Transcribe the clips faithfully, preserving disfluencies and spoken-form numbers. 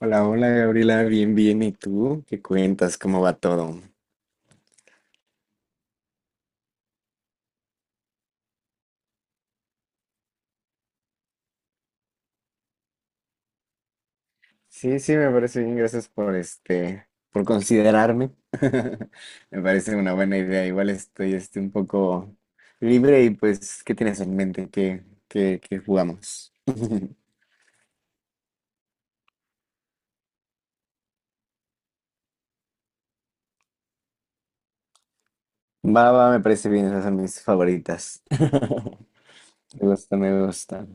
Hola, hola Gabriela, bien, bien. ¿Y tú? ¿Qué cuentas? ¿Cómo va todo? Sí, sí, me parece bien. Gracias por este, por considerarme. Me parece una buena idea. Igual estoy este, un poco libre y pues, ¿qué tienes en mente? ¿Qué, qué, qué jugamos? Va, va, me parece bien. Esas son mis favoritas. Me gusta, me gusta.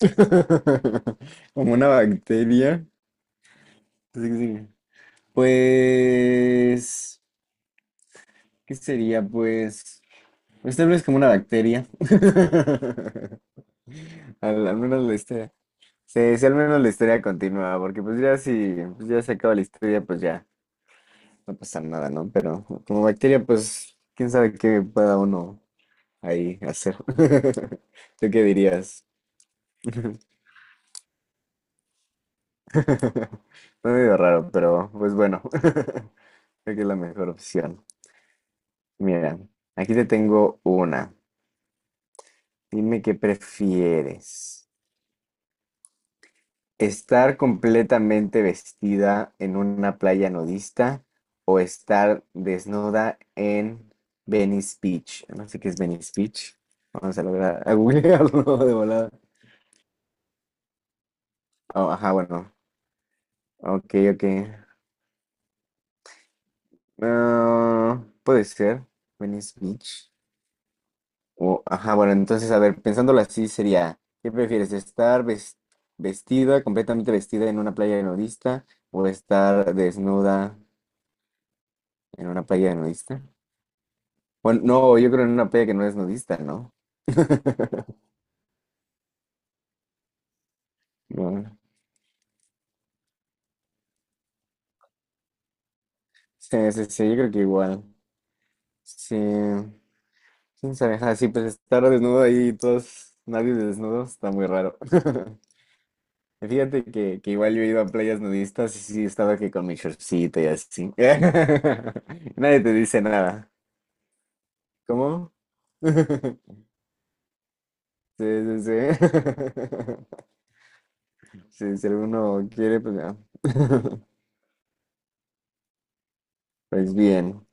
Como una bacteria. Sí, sí. Pues, ¿qué sería? Pues... Pues tal vez como una bacteria. Al, al menos la historia. Sí, sí, al menos la historia continúa, porque pues ya si pues ya se acaba la historia, pues ya no pasa nada, ¿no? Pero como bacteria, pues quién sabe qué pueda uno ahí hacer. ¿Tú qué dirías? Fue medio raro, pero pues bueno, creo que es la mejor opción. Mira, aquí te tengo una. Dime qué prefieres. Estar completamente vestida en una playa nudista o estar desnuda en Venice Beach. No sé qué es Venice Beach. Vamos a lograr a googlearlo de volada. Oh, ajá, bueno. Ok, ok. Ah, puede ser. Venice Beach. O- ajá, bueno, entonces, a ver, pensándolo así sería, ¿qué prefieres? ¿Estar ves- vestida, completamente vestida en una playa nudista o estar desnuda en una playa nudista? Bueno, no, yo creo en una peda que no es nudista, ¿no? No. Sí, sí, sí, yo creo que igual. Sí. ¿Quién sabe? Ajá, sí, pues estar desnudo ahí, todos, nadie desnudo, está muy raro. Y Fíjate que, que igual yo he ido a playas nudistas y sí estaba que con mi shortcito y así. Nadie te dice nada. ¿Cómo? Sí, sí, sí. Sí, si alguno quiere, pues ya. Pues bien.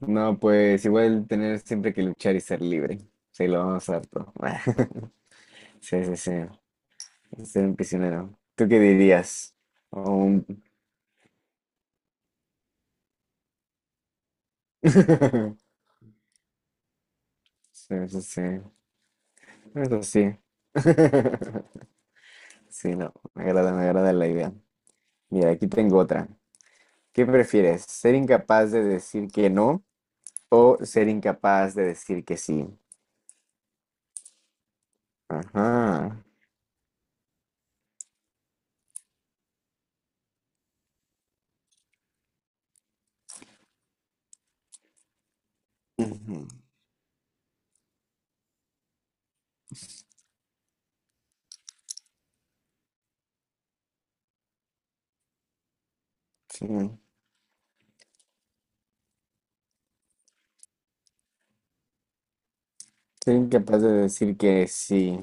No, pues igual tener siempre que luchar y ser libre. Sí, lo vamos a todo. Sí, sí, sí. Ser un prisionero. ¿Tú qué dirías? O un- Sí, sí, sí. Eso sí. Sí, no. Me agrada, me agrada la idea. Mira, aquí tengo otra. ¿Qué prefieres? ¿Ser incapaz de decir que no o ser incapaz de decir que sí? Ajá. Ujú. Sí. Ser incapaz de decir que sí.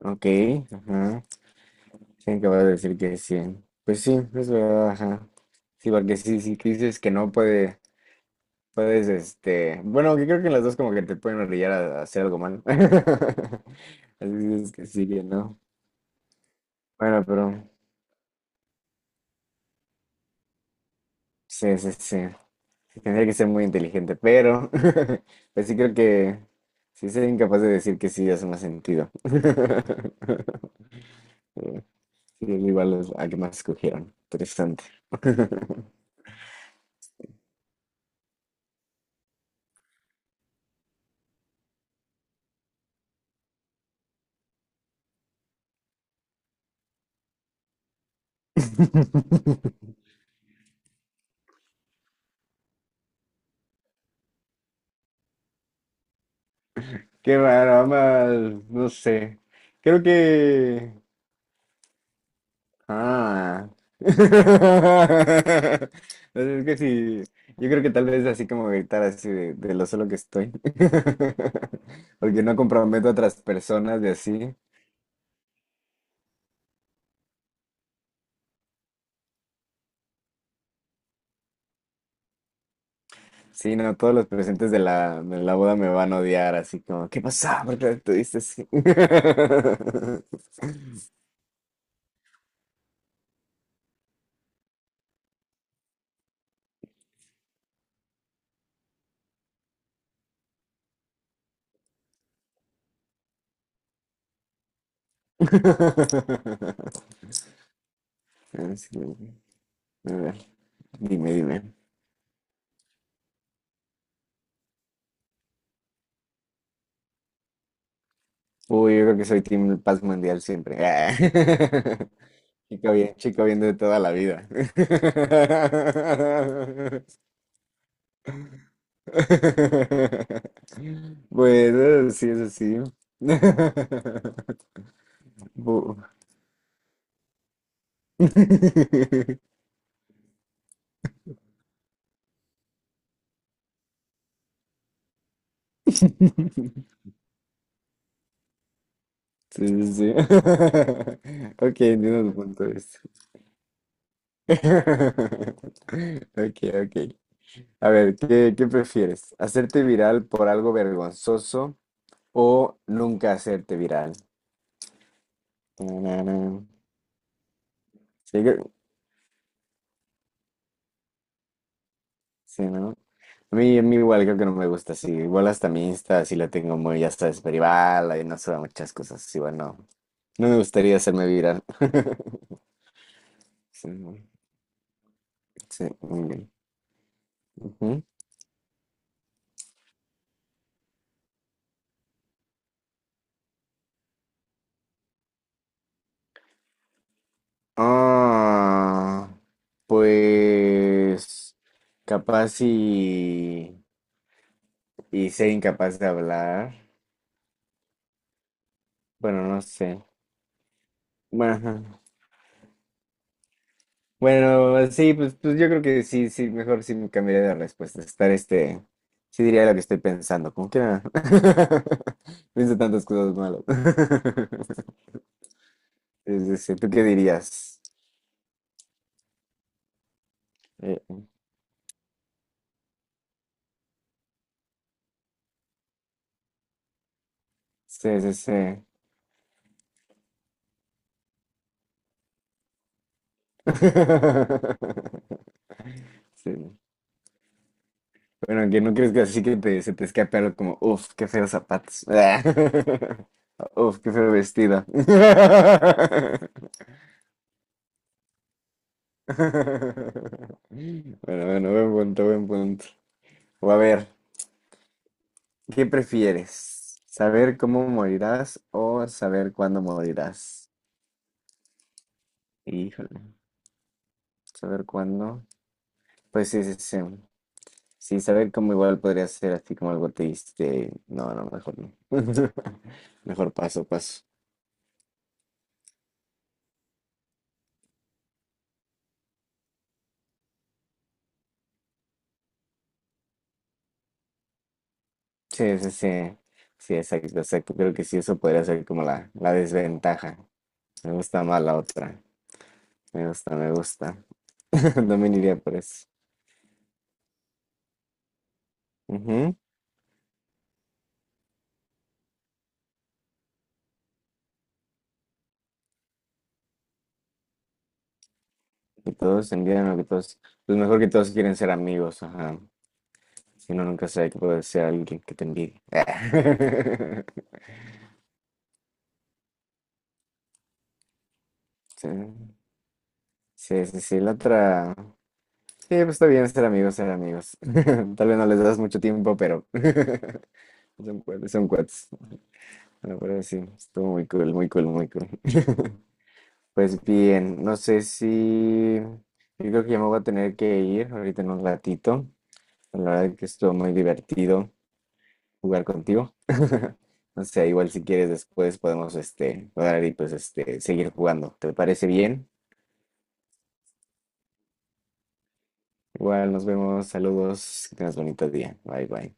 Ok. Ajá. Sí, que vas a decir que sí. Pues sí, es verdad, ajá. Sí, porque sí, sí, tú dices que no puede, puedes, este, bueno, que creo que las dos como que te pueden orillar a, a hacer algo mal. Así dices que sí, que no. Bueno, pero sí, sí, sí. Sí, tendría que ser muy inteligente, pero pues sí creo que sí sería incapaz de decir que sí hace más sentido. Sí, igual es la que más escogieron. Interesante. Qué raro, ambas, no sé. Creo que... Ah. Es que sí, yo creo que tal vez así como gritar así de, de lo solo que estoy. Porque no comprometo a otras personas de así. Sí, no, todos los presentes de la, de la boda me van a odiar, así como, ¿qué pasa? ¿Por qué te diste así? Así, a ver, dime, dime. Uy, yo creo que soy Team Paz Mundial siempre. Chico bien, chico bien de toda la vida. Bueno, sí, eso sí. Bu- Sí, sí, sí. Ok, entiendo tu punto de vista. Ok, ok. A ver, ¿qué, qué prefieres? ¿Hacerte viral por algo vergonzoso o nunca hacerte viral? Tarara. Sí, que- sí, ¿no? A mí, a mí igual creo que no me gusta así. Igual hasta mi Insta sí la tengo muy, ya sabes, privada y no sube muchas cosas. Sí, bueno, no me gustaría hacerme viral. Sí, ¿no? Sí, muy bien. Ujú. Ah, pues capaz y, y ser incapaz de hablar. Bueno, no sé. Bueno, ajá. Bueno, sí, pues, pues yo creo que sí, sí, mejor sí me cambiaría de respuesta. Estar este, sí diría lo que estoy pensando, como que ah, pienso tantas cosas malas. Sí, sí, sí, ¿tú qué dirías? Eh, sí, sí, sí. Sí. Bueno, que no crees que así que te- se te escape algo como, uff, qué feos zapatos. Uf, qué feo vestido. Bueno, bueno, buen punto, buen punto. O a ver. ¿Qué prefieres? ¿Saber cómo morirás o saber cuándo morirás? Híjole, saber cuándo. Pues sí, sí, sí. Sí, saber cómo igual podría ser así como algo triste. No, no, mejor no. Mejor paso, paso. Sí, sí, sí. Sí, exacto, exacto. Creo que sí, eso podría ser como la, la desventaja. Me gusta más la otra. Me gusta, me gusta. También iría por eso. Ujú. Y todos envían lo que todos. Pues mejor que todos quieren ser amigos, ajá. Si uno nunca sabe que puede ser alguien que te envidie. Sí, sí, sí, sí, la otra. Sí, pues está bien ser amigos, ser amigos. Tal vez no les das mucho tiempo, pero son cuates, son cuates. Bueno, pero sí, estuvo muy cool, muy cool, muy cool. Pues bien, no sé si. Yo creo que ya me voy a tener que ir ahorita en un ratito. La verdad que estuvo muy divertido. jugar contigo. O sea, igual si quieres después podemos este jugar y pues este seguir jugando. ¿Te parece bien? Igual nos vemos, saludos, que tengas bonito día. Bye bye.